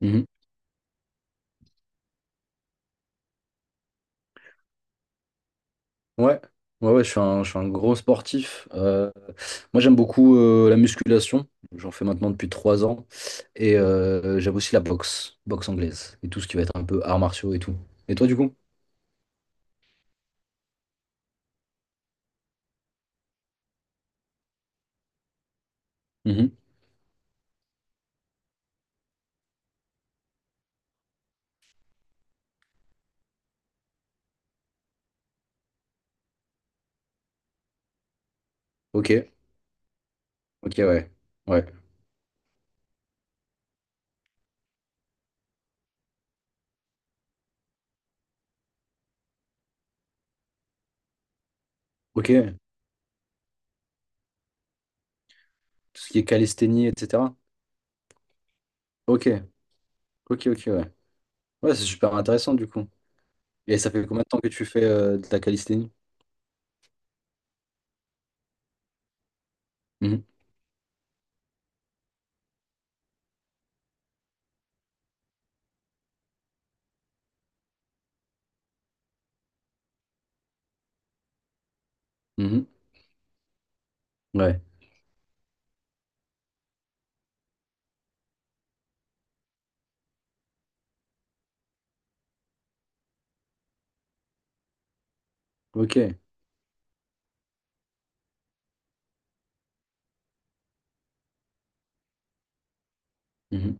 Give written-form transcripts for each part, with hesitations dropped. Mhm. Ouais, ouais, ouais, je suis un gros sportif. Moi, j'aime beaucoup la musculation. J'en fais maintenant depuis 3 ans. Et j'aime aussi la boxe, boxe anglaise et tout ce qui va être un peu arts martiaux et tout. Et toi, du coup? Mhm. Ok, ok, ouais. Ouais, ok. Tout ce qui est calisthénie, etc. Ok, ok, ok, ouais. Ouais, c'est super intéressant, du coup. Et ça fait combien de temps que tu fais de la calisthénie? Mhm. Mhm. Ouais, ok. Mhm.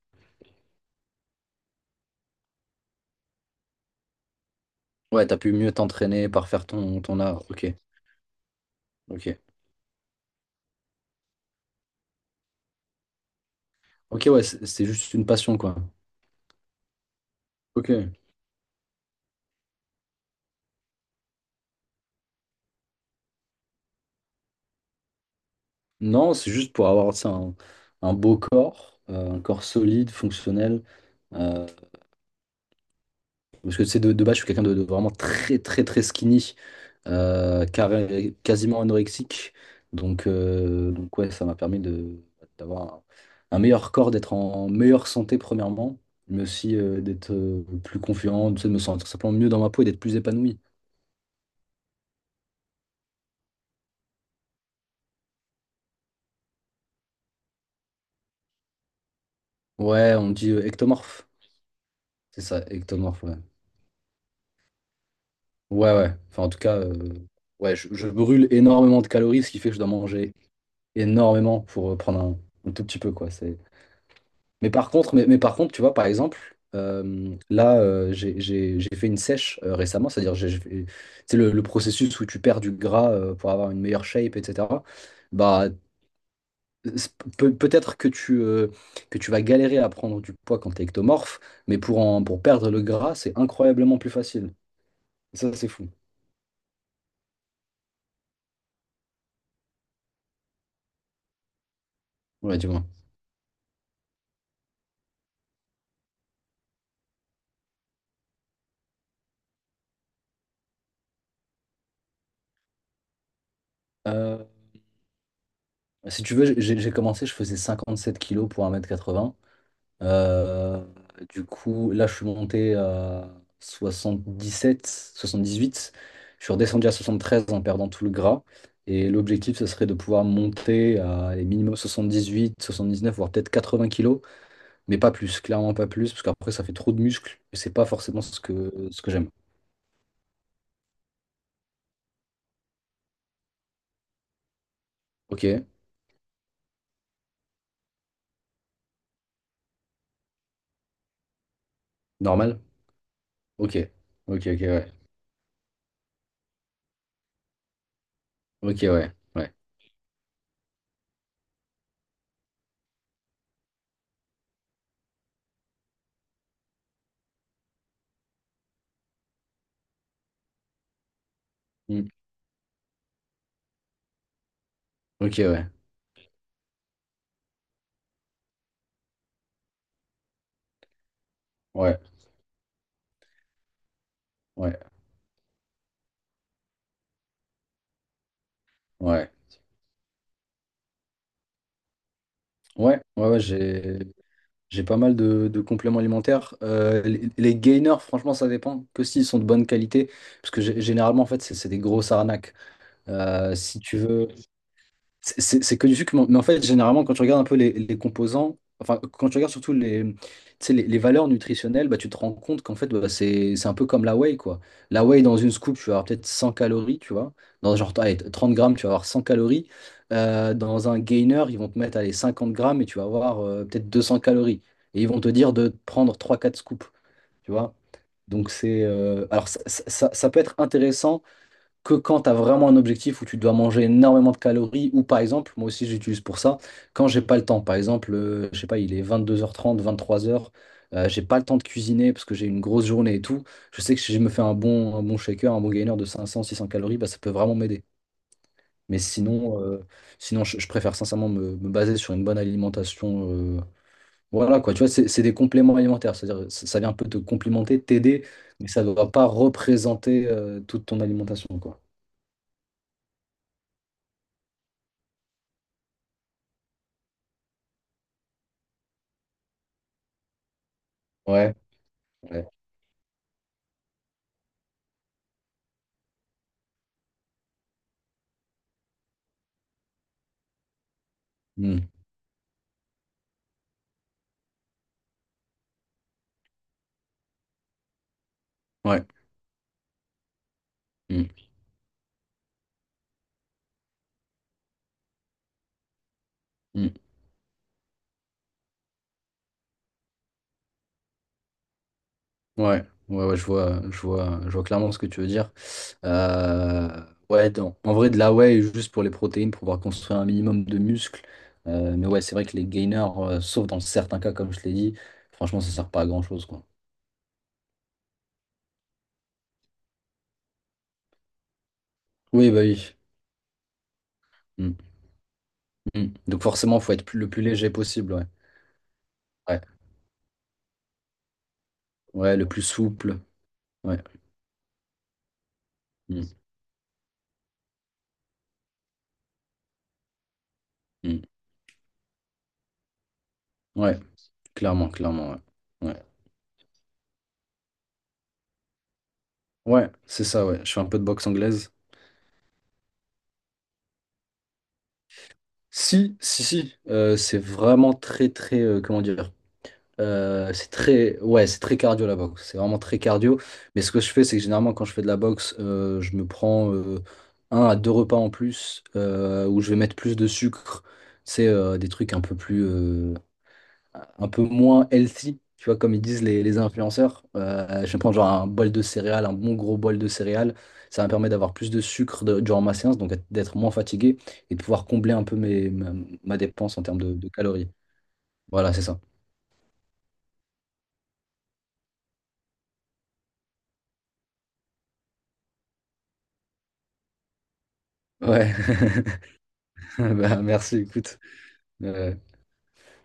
Ouais, t'as pu mieux t'entraîner par faire ton, ton art. Ok, ok. Ok, ouais, c'est juste une passion, quoi. Ok. Non, c'est juste pour avoir, tu sais, un beau corps, un corps solide, fonctionnel. euh, Parce que, tu sais, de base, je suis quelqu'un de vraiment très, très, très skinny, carré- quasiment anorexique. Donc ouais, ça m'a permis de, d'avoir un meilleur corps, d'être en meilleure santé, premièrement, mais aussi d'être plus confiant, tu sais, de me sentir simplement mieux dans ma peau et d'être plus épanoui. Ouais, on dit ectomorphe. C'est ça, ectomorphe, ouais. Ouais, ouais. Enfin, en tout cas, ouais, je brûle énormément de calories, ce qui fait que je dois manger énormément pour prendre un tout petit peu, quoi. C'est... mais par contre, tu vois, par exemple, là, euh, j'ai fait une sèche récemment, c'est-à-dire, j'ai fait- c'est le processus où tu perds du gras pour avoir une meilleure shape, etc. Bah, c'est- peut- peut-être que tu vas galérer à prendre du poids quand t'es ectomorphe, mais pour en, pour perdre le gras, c'est incroyablement plus facile. Ça, c'est fou. Ouais, dis-moi. Euh, Si tu veux, j'ai commencé, je faisais 57 kilos pour 1m80. Euh, du coup, là, je suis monté à 77, 78. Je suis redescendu à 73 en perdant tout le gras. Et l'objectif, ce serait de pouvoir monter à les minimum dix neuf voire peut-être 80 kilos, mais pas plus, clairement pas plus, parce qu'après, ça fait trop de muscles et c'est pas forcément ce que j'aime. Ok, normal? Ok, ok, ok, ouais. Ok, ouais, ouais. Hmm. Ok, ouais, ouais, ouais, ouais. Ouais, ouais, ouais, j'ai pas mal de compléments alimentaires. Les gainers, franchement, ça dépend que s'ils sont de bonne qualité, parce que gé- généralement, en fait, c'est des grosses arnaques. Si tu veux, c'est que du sucre, mais en fait, généralement, quand tu regardes un peu les composants, enfin, quand tu regardes surtout les, tu sais, les valeurs nutritionnelles, bah, tu te rends compte qu'en fait, bah, c'est un peu comme la whey, quoi. La whey, dans une scoop, tu vas avoir peut-être 100 calories, tu vois. Dans genre, allez, 30 grammes, tu vas avoir 100 calories. Dans un gainer, ils vont te mettre, allez, 50 grammes et tu vas avoir peut-être 200 calories. Et ils vont te dire de prendre trois quatre scoops, tu vois. Donc alors, ça peut être intéressant que quand tu as vraiment un objectif où tu dois manger énormément de calories, ou par exemple, moi aussi j'utilise pour ça, quand j'ai pas le temps, par exemple, je sais pas, il est 22:30, 23:00, j'ai pas le temps de cuisiner parce que j'ai une grosse journée et tout, je sais que si je me fais un bon shaker, un bon gainer de 500 600 calories, bah, ça peut vraiment m'aider. Mais sinon je préfère sincèrement me, me baser sur une bonne alimentation. euh, voilà quoi, tu vois, c'est des compléments alimentaires, c'est-à-dire ça, ça vient un peu te complimenter, t'aider, mais ça ne doit pas représenter toute ton alimentation, quoi. Ouais. Mm. Ouais. Mm. Mm. Ouais. Ouais, ouais, je vois, je vois, je vois clairement ce que tu veux dire. Euh, ouais, dans- en vrai, de la whey, juste pour les protéines, pour pouvoir construire un minimum de muscles. Mais ouais, c'est vrai que les gainers, sauf dans certains cas, comme je l'ai dit, franchement, ça sert pas à grand-chose, quoi. Oui, bah oui. Mm. Mm. Donc forcément, faut être plus- le plus léger possible, ouais. Ouais, ouais, le plus souple. Ouais. Mm. Mm. Ouais, clairement, clairement, ouais. Ouais, ouais, c'est ça, ouais. Je fais un peu de boxe anglaise. Si, si, si, c'est vraiment très, très, comment dire, c'est très, ouais, c'est très cardio la boxe, c'est vraiment très cardio, mais ce que je fais, c'est que généralement quand je fais de la boxe, je me prends un à deux repas en plus, où je vais mettre plus de sucre, c'est des trucs un peu plus, un peu moins healthy, tu vois, comme ils disent les influenceurs. Je vais prendre genre un bol de céréales, un bon gros bol de céréales. Ça me permet d'avoir plus de sucre de- durant ma séance, donc d'être moins fatigué et de pouvoir combler un peu mes, ma dépense en termes de calories. Voilà, c'est ça. Ouais. Bah, merci, écoute. Euh,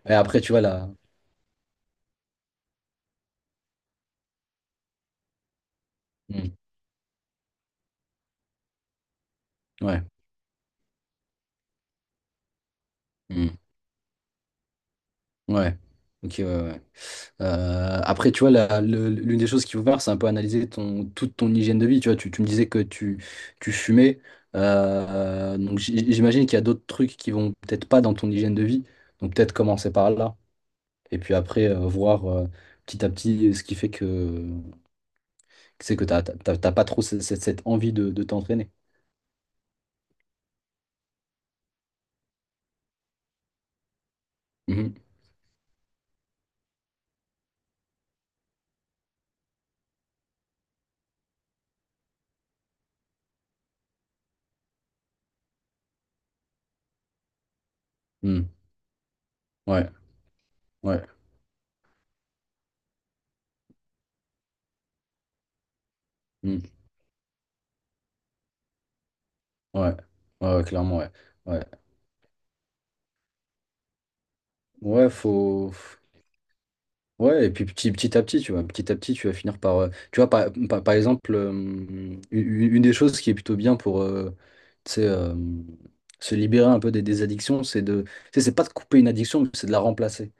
et après, tu vois, là. Ouais. Hmm. Ouais. Ok, ouais, ouais. Après, tu vois, la- le- l'une des choses qu'il faut faire, c'est un peu analyser ton, toute ton hygiène de vie. Tu vois, tu me disais que tu fumais. Donc, j- j'imagine qu'il y a d'autres trucs qui vont peut-être pas dans ton hygiène de vie. Donc, peut-être commencer par là. Et puis après, voir petit à petit ce qui fait que c'est que t'as, t'as, t'as- t'as pas trop cette, cette- cette envie de t'entraîner. Mhm. Mhm. Ouais, ouais, Mhm. ouais, ouais, ouais, clairement, ouais. Ouais, ouais, faut. Ouais, et puis petit, petit à petit, tu vois, petit à petit, tu vas finir par, tu vois, par, par, par exemple, une des choses qui est plutôt bien pour, tu sais, se libérer un peu des addictions, c'est de, tu sais, c'est pas de couper une addiction, mais c'est de la remplacer.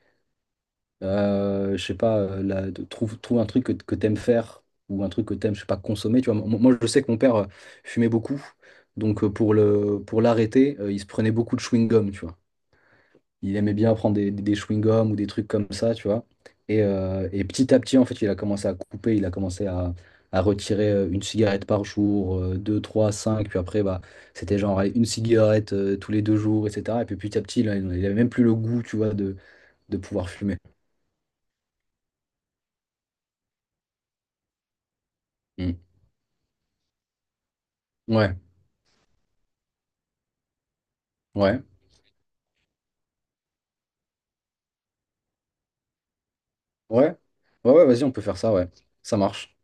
Je sais pas, la- de, trouve, trouve un truc que t'aimes faire ou un truc que t'aimes, je sais pas, consommer. Tu vois, moi, moi, je sais que mon père fumait beaucoup, donc pour le, pour l'arrêter, il se prenait beaucoup de chewing-gum, tu vois. Il aimait bien prendre des chewing-gums ou des trucs comme ça, tu vois. Et petit à petit, en fait, il a commencé à couper, il a commencé à retirer une cigarette par jour, deux, trois, cinq. Puis après, bah, c'était genre allez, une cigarette tous les deux jours, etc. Et puis petit à petit, là, il n'avait même plus le goût, tu vois, de pouvoir fumer. Mm. Ouais, ouais, ouais. Ouais, ouais, vas-y, on peut faire ça, ouais. Ça marche.